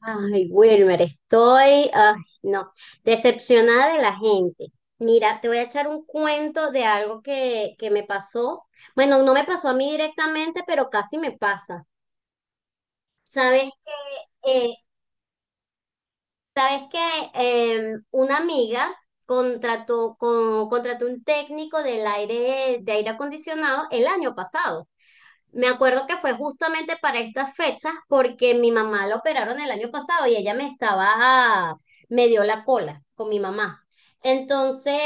Ay, Wilmer, estoy, ay, no, decepcionada de la gente. Mira, te voy a echar un cuento de algo que me pasó. Bueno, no me pasó a mí directamente, pero casi me pasa. ¿Sabes que, eh, que una amiga contrató un técnico del aire, de aire acondicionado el año pasado? Me acuerdo que fue justamente para estas fechas porque mi mamá la operaron el año pasado y ella me estaba, me dio la cola con mi mamá. Entonces,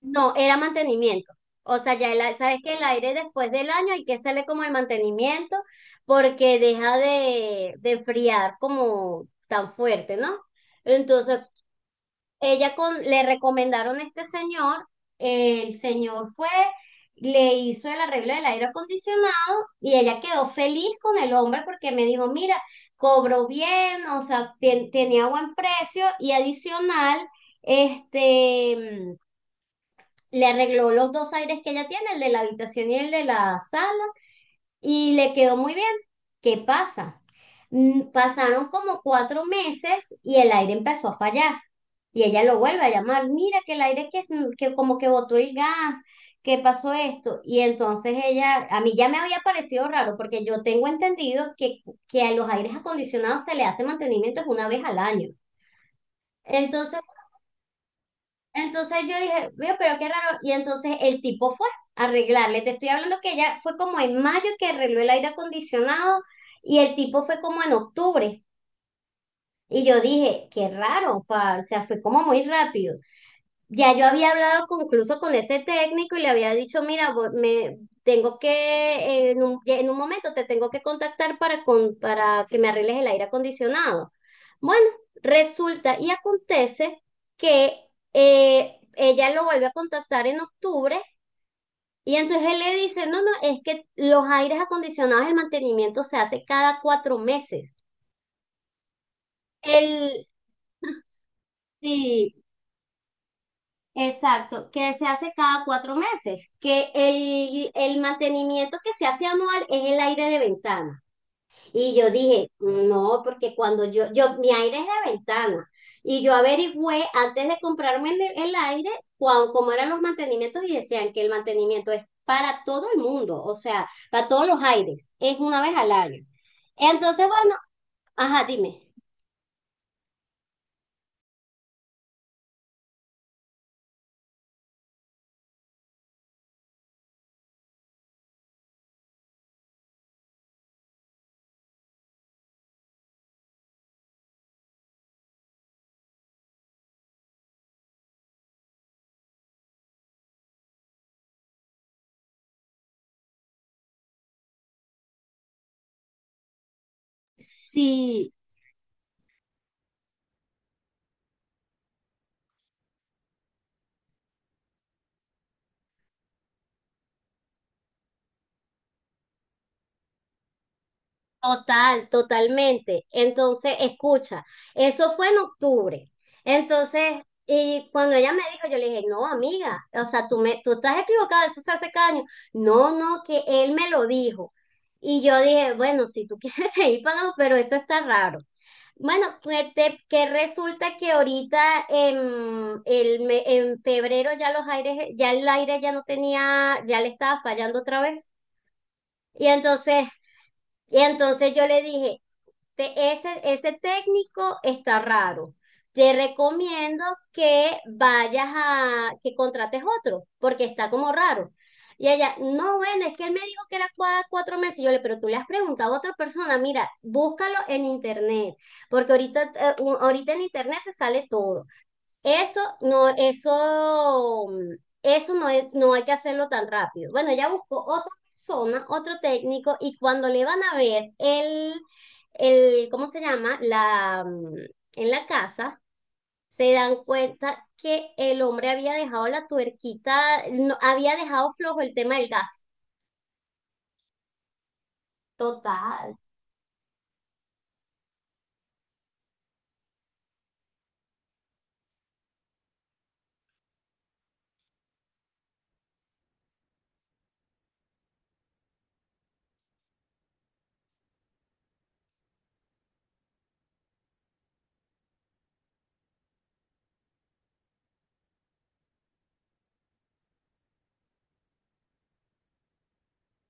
no, era mantenimiento. O sea, sabes que el aire después del año hay que hacerle como el mantenimiento porque deja de enfriar como tan fuerte, ¿no? Entonces, le recomendaron a este señor, el señor fue, le hizo el arreglo del aire acondicionado y ella quedó feliz con el hombre porque me dijo, mira, cobró bien, o sea, tenía buen precio y adicional, este, le arregló los dos aires que ella tiene, el de la habitación y el de la sala, y le quedó muy bien. ¿Qué pasa? Pasaron como cuatro meses y el aire empezó a fallar. Y ella lo vuelve a llamar, mira que el aire que como que botó el gas, que pasó esto. Y entonces ella, a mí ya me había parecido raro, porque yo tengo entendido que a los aires acondicionados se le hace mantenimiento una vez al año. Entonces, entonces yo dije, veo, pero qué raro. Y entonces el tipo fue a arreglarle. Te estoy hablando que ella fue como en mayo que arregló el aire acondicionado y el tipo fue como en octubre. Y yo dije, qué raro, o sea, fue como muy rápido. Ya yo había hablado incluso con ese técnico y le había dicho, mira, me tengo que, en en un momento te tengo que contactar para, con, para que me arregles el aire acondicionado. Bueno, resulta y acontece que ella lo vuelve a contactar en octubre y entonces él le dice, no, no, es que los aires acondicionados, el mantenimiento se hace cada cuatro meses. El, Exacto, que se hace cada cuatro meses, que el mantenimiento que se hace anual es el aire de ventana. Y yo dije, no, porque cuando yo, mi aire es de ventana. Y yo averigüé antes de comprarme el aire cómo eran los mantenimientos y decían que el mantenimiento es para todo el mundo, o sea, para todos los aires, es una vez al año. Entonces, bueno, ajá, dime. Sí, total, totalmente. Entonces, escucha, eso fue en octubre. Entonces, y cuando ella me dijo, yo le dije, no, amiga, o sea, tú, me, tú estás equivocada, eso se hace caño. No, no, que él me lo dijo. Y yo dije, bueno, si tú quieres seguir pagando, pero eso está raro. Bueno, pues que resulta que ahorita en, en febrero ya los aires, ya el aire ya no tenía, ya le estaba fallando otra vez. Y entonces, yo le dije, ese técnico está raro. Te recomiendo que que contrates otro, porque está como raro. Y ella, no, bueno, es que él me dijo que era cuatro meses. Y yo le, pero tú le has preguntado a otra persona, mira, búscalo en internet, porque ahorita, ahorita en internet te sale todo. Eso no, eso, eso no hay que hacerlo tan rápido. Bueno, ella buscó otra persona, otro técnico, y cuando le van a ver ¿cómo se llama? La, en la casa, se dan cuenta que el hombre había dejado la tuerquita, no, había dejado flojo el tema del gas. Total.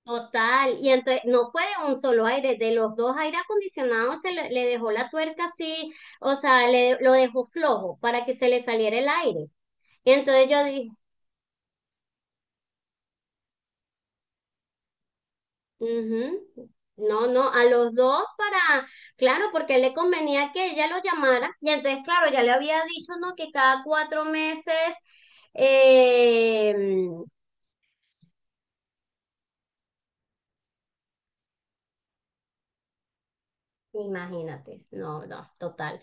Total, y entonces no fue de un solo aire, de los dos aire acondicionados le dejó la tuerca así, o sea, lo dejó flojo para que se le saliera el aire. Y entonces yo dije, "Ujú, no, no, a los dos para, claro, porque a él le convenía que ella lo llamara". Y entonces, claro, ya le había dicho, ¿no? Que cada cuatro meses, eh, imagínate, no, no, total,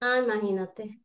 ah, imagínate,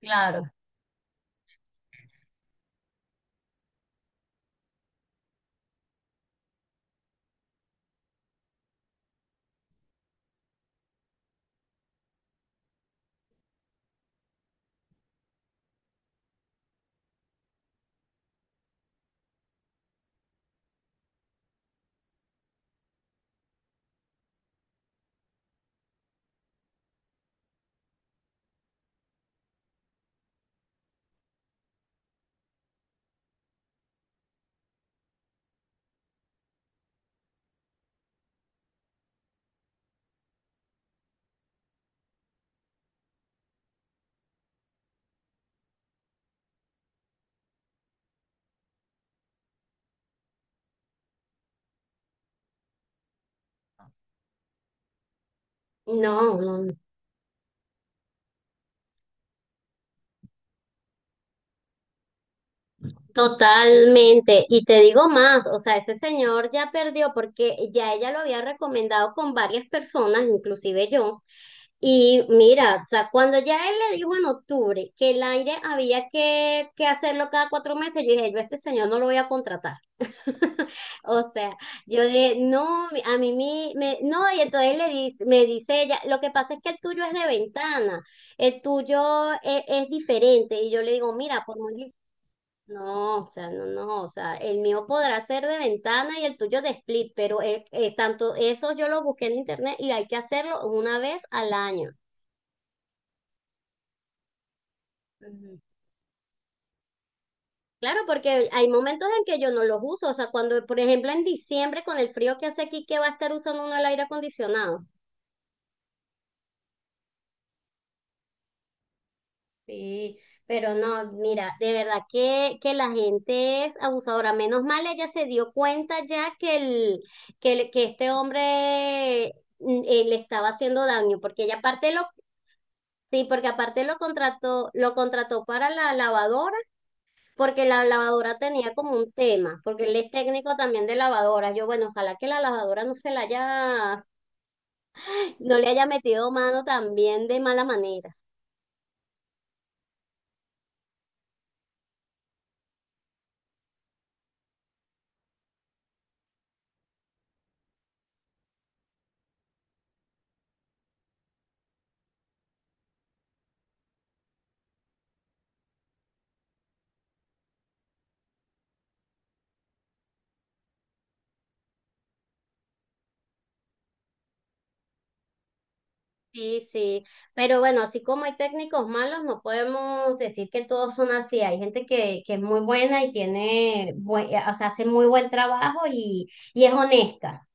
claro, no, no. Totalmente, y te digo más, o sea, ese señor ya perdió porque ya ella lo había recomendado con varias personas, inclusive yo, y mira, o sea, cuando ya él le dijo en octubre que el aire había que hacerlo cada cuatro meses, yo dije, yo a este señor no lo voy a contratar. O sea, yo dije, no, mi- a mí mi- me, no, y entonces le dice, me dice ella, lo que pasa es que el tuyo es de ventana, el tuyo es diferente, y yo le digo, mira, por muy no, o sea, no, no, o sea, el mío podrá ser de ventana y el tuyo de split, pero tanto eso yo lo busqué en internet y hay que hacerlo una vez al año. Ujú. Claro, porque hay momentos en que yo no los uso, o sea, cuando, por ejemplo, en diciembre con el frío que hace aquí, ¿qué va a estar usando uno el aire acondicionado? Sí, pero no, mira, de verdad que la gente es abusadora. Menos mal ella se dio cuenta ya que que este hombre le estaba haciendo daño, porque ella aparte lo... Sí, porque aparte lo contrató para la lavadora, porque la lavadora tenía como un tema, porque él es técnico también de lavadoras. Yo, bueno, ojalá que la lavadora no se la haya, no le haya metido mano también de mala manera. Sí, sí, pero bueno, así como hay técnicos malos, no podemos decir que todos son así. Hay gente que es muy buena y tiene, o sea, hace muy buen trabajo y es honesta.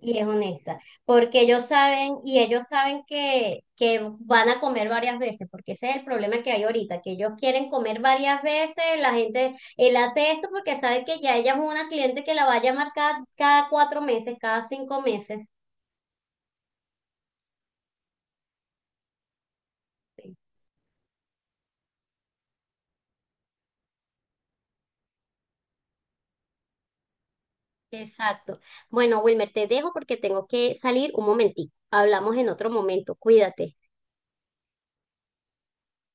Y es honesta, porque ellos saben y ellos saben que van a comer varias veces, porque ese es el problema que hay ahorita, que ellos quieren comer varias veces, la gente, él hace esto porque sabe que ya ella es una cliente que la va a llamar cada cuatro meses, cada cinco meses. Exacto. Bueno, Wilmer, te dejo porque tengo que salir un momentico. Hablamos en otro momento, cuídate.